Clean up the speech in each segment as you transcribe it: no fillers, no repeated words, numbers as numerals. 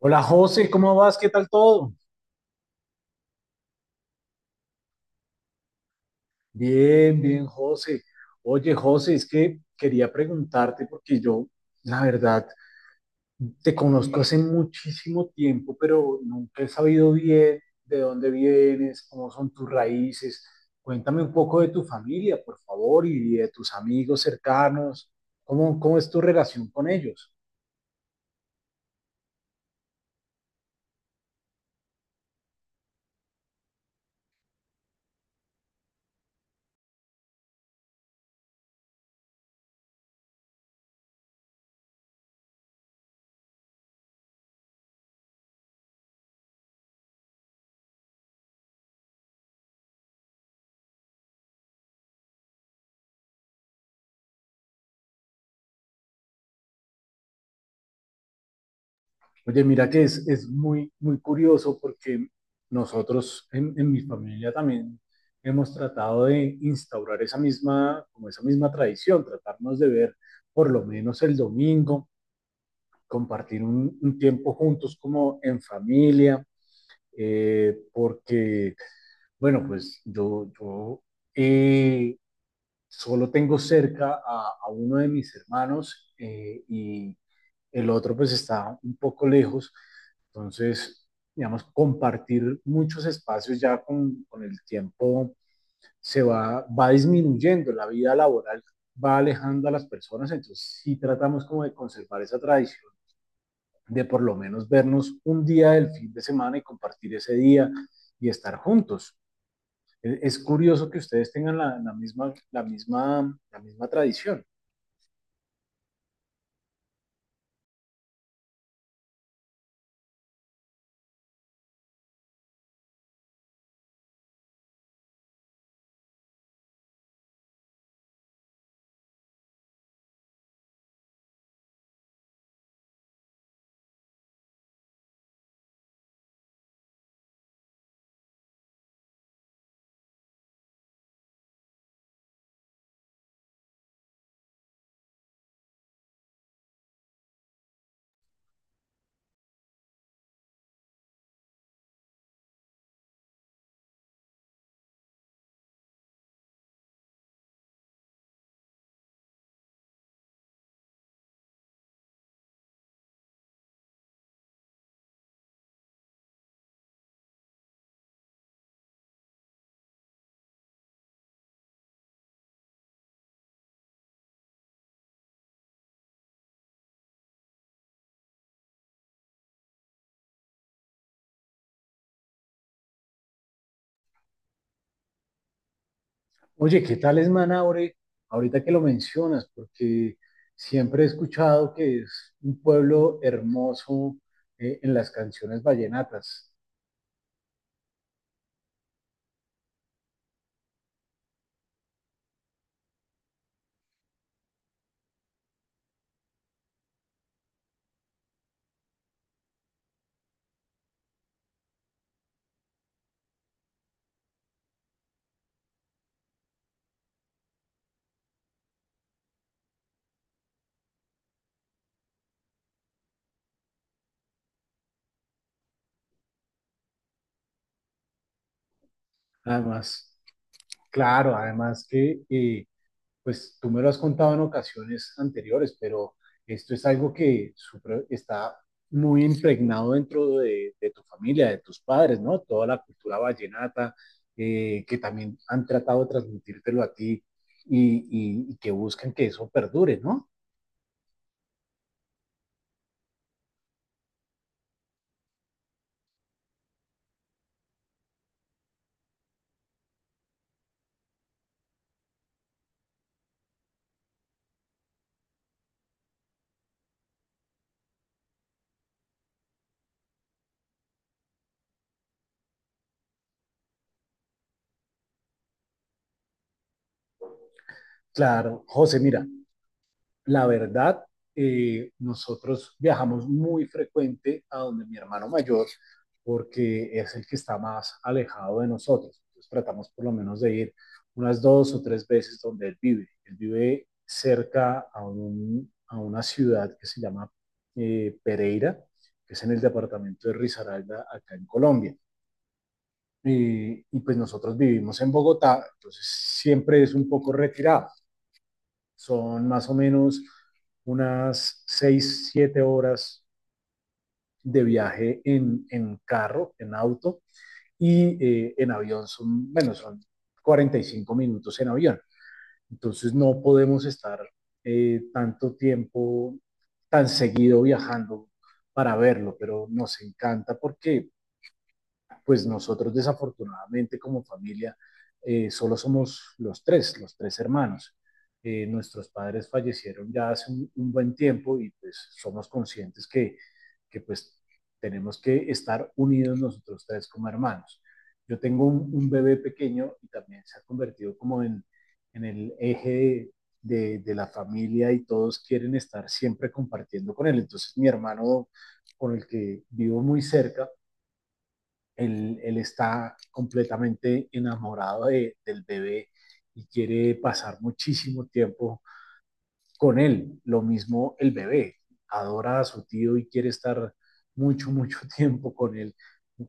Hola José, ¿cómo vas? ¿Qué tal todo? Bien, bien, José. Oye, José, es que quería preguntarte porque yo, la verdad, te conozco hace muchísimo tiempo, pero nunca he sabido bien de dónde vienes, cómo son tus raíces. Cuéntame un poco de tu familia, por favor, y de tus amigos cercanos. ¿Cómo es tu relación con ellos? Oye, mira que es muy, muy curioso porque nosotros en mi familia también hemos tratado de instaurar esa misma, como esa misma tradición, tratarnos de ver por lo menos el domingo, compartir un tiempo juntos como en familia, porque, bueno, pues yo eh, solo tengo cerca a uno de mis hermanos y el otro pues está un poco lejos, entonces, digamos, compartir muchos espacios ya con el tiempo se va disminuyendo, la vida laboral va alejando a las personas, entonces sí tratamos como de conservar esa tradición, de por lo menos vernos un día del fin de semana y compartir ese día y estar juntos. Es curioso que ustedes tengan la misma tradición. Oye, ¿qué tal es Manaure? Ahorita que lo mencionas, porque siempre he escuchado que es un pueblo hermoso en las canciones vallenatas. Además, claro, además que pues tú me lo has contado en ocasiones anteriores, pero esto es algo que está muy impregnado dentro de tu familia, de tus padres, ¿no? Toda la cultura vallenata, que también han tratado de transmitírtelo a ti y, y que buscan que eso perdure, ¿no? Claro, José, mira, la verdad, nosotros viajamos muy frecuente a donde mi hermano mayor, porque es el que está más alejado de nosotros. Entonces tratamos por lo menos de ir unas dos o tres veces donde él vive. Él vive cerca a una ciudad que se llama Pereira, que es en el departamento de Risaralda, acá en Colombia. Y pues nosotros vivimos en Bogotá, entonces siempre es un poco retirado. Son más o menos unas 6-7 horas de viaje en carro, en auto, y en avión son, bueno, son 45 minutos en avión. Entonces no podemos estar tanto tiempo, tan seguido viajando para verlo, pero nos encanta porque pues nosotros desafortunadamente como familia solo somos los tres hermanos. Nuestros padres fallecieron ya hace un buen tiempo y pues somos conscientes que, que tenemos que estar unidos nosotros tres como hermanos. Yo tengo un bebé pequeño y también se ha convertido como en el eje de la familia y todos quieren estar siempre compartiendo con él. Entonces mi hermano con el que vivo muy cerca, él está completamente enamorado del bebé y quiere pasar muchísimo tiempo con él. Lo mismo el bebé, adora a su tío y quiere estar mucho, mucho tiempo con él.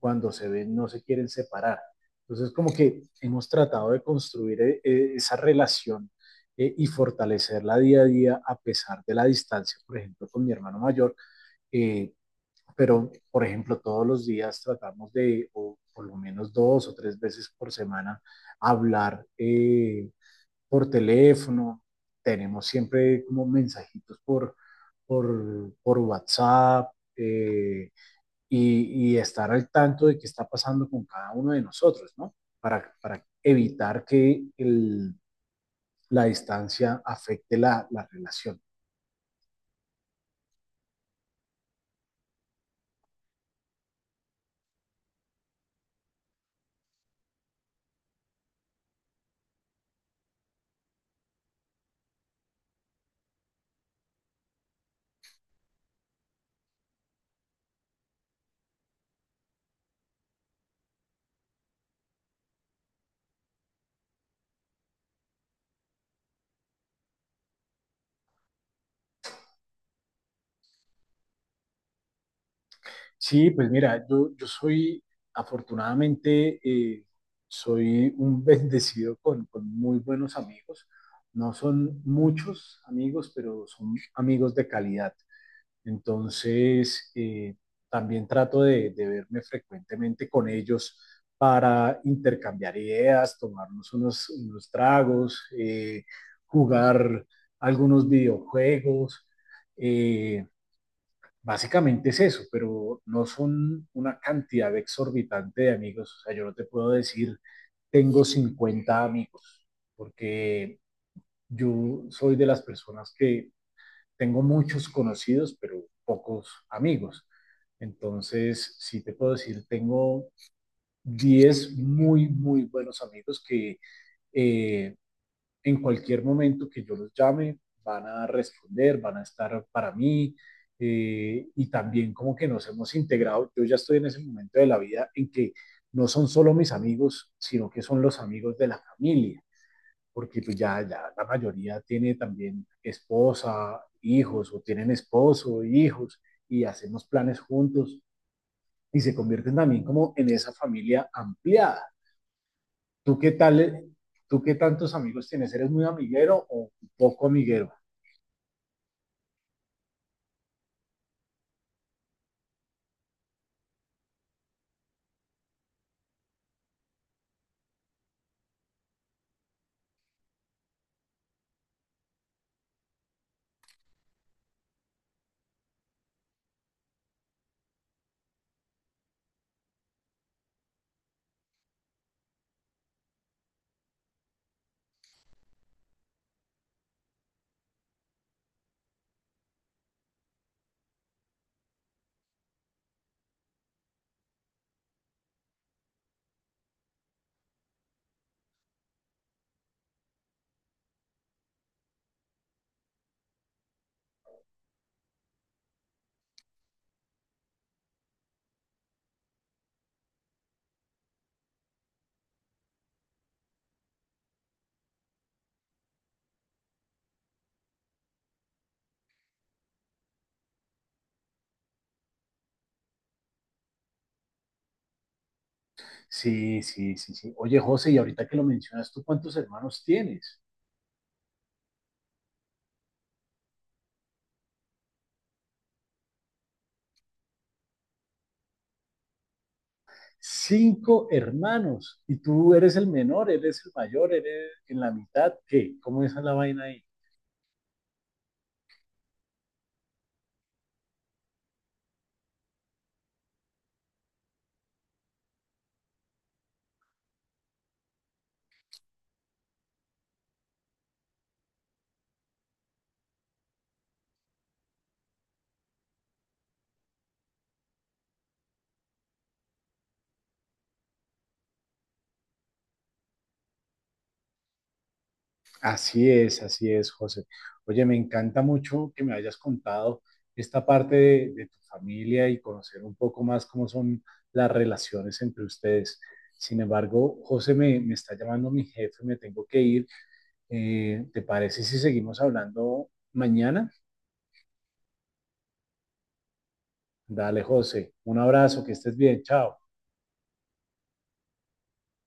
Cuando se ven, no se quieren separar. Entonces, como que hemos tratado de construir esa relación y fortalecerla día a día a pesar de la distancia, por ejemplo, con mi hermano mayor, eh, pero por ejemplo todos los días tratamos de, o por lo menos dos o tres veces por semana, hablar por teléfono, tenemos siempre como mensajitos por WhatsApp y estar al tanto de qué está pasando con cada uno de nosotros, ¿no? Para evitar que la distancia afecte la relación. Sí, pues mira, yo soy, afortunadamente, soy un bendecido con muy buenos amigos. No son muchos amigos, pero son amigos de calidad. Entonces, también trato de verme frecuentemente con ellos para intercambiar ideas, tomarnos unos tragos, jugar algunos videojuegos. eh, Básicamente es eso, pero no son una cantidad exorbitante de amigos. O sea, yo no te puedo decir, tengo 50 amigos, porque yo soy de las personas que tengo muchos conocidos, pero pocos amigos. Entonces, sí te puedo decir, tengo 10 muy, muy buenos amigos que eh, en cualquier momento que yo los llame, van a responder, van a estar para mí. Y también como que nos hemos integrado, yo ya estoy en ese momento de la vida en que no son solo mis amigos, sino que son los amigos de la familia, porque pues ya la mayoría tiene también esposa, hijos, o tienen esposo, hijos, y hacemos planes juntos, y se convierten también como en esa familia ampliada. ¿Tú qué tal? ¿Tú qué tantos amigos tienes? ¿Eres muy amiguero o poco amiguero? Sí, sí, sí, sí. Oye, José, y ahorita que lo mencionas, ¿tú cuántos hermanos tienes? Cinco hermanos. Y tú eres el menor, eres el mayor, eres en la mitad. ¿Qué? ¿Cómo es la vaina ahí? Así es, José. Oye, me encanta mucho que me hayas contado esta parte de tu familia y conocer un poco más cómo son las relaciones entre ustedes. Sin embargo, José, me está llamando mi jefe, me tengo que ir. ¿Te parece si seguimos hablando mañana? Dale, José, un abrazo, que estés bien, chao.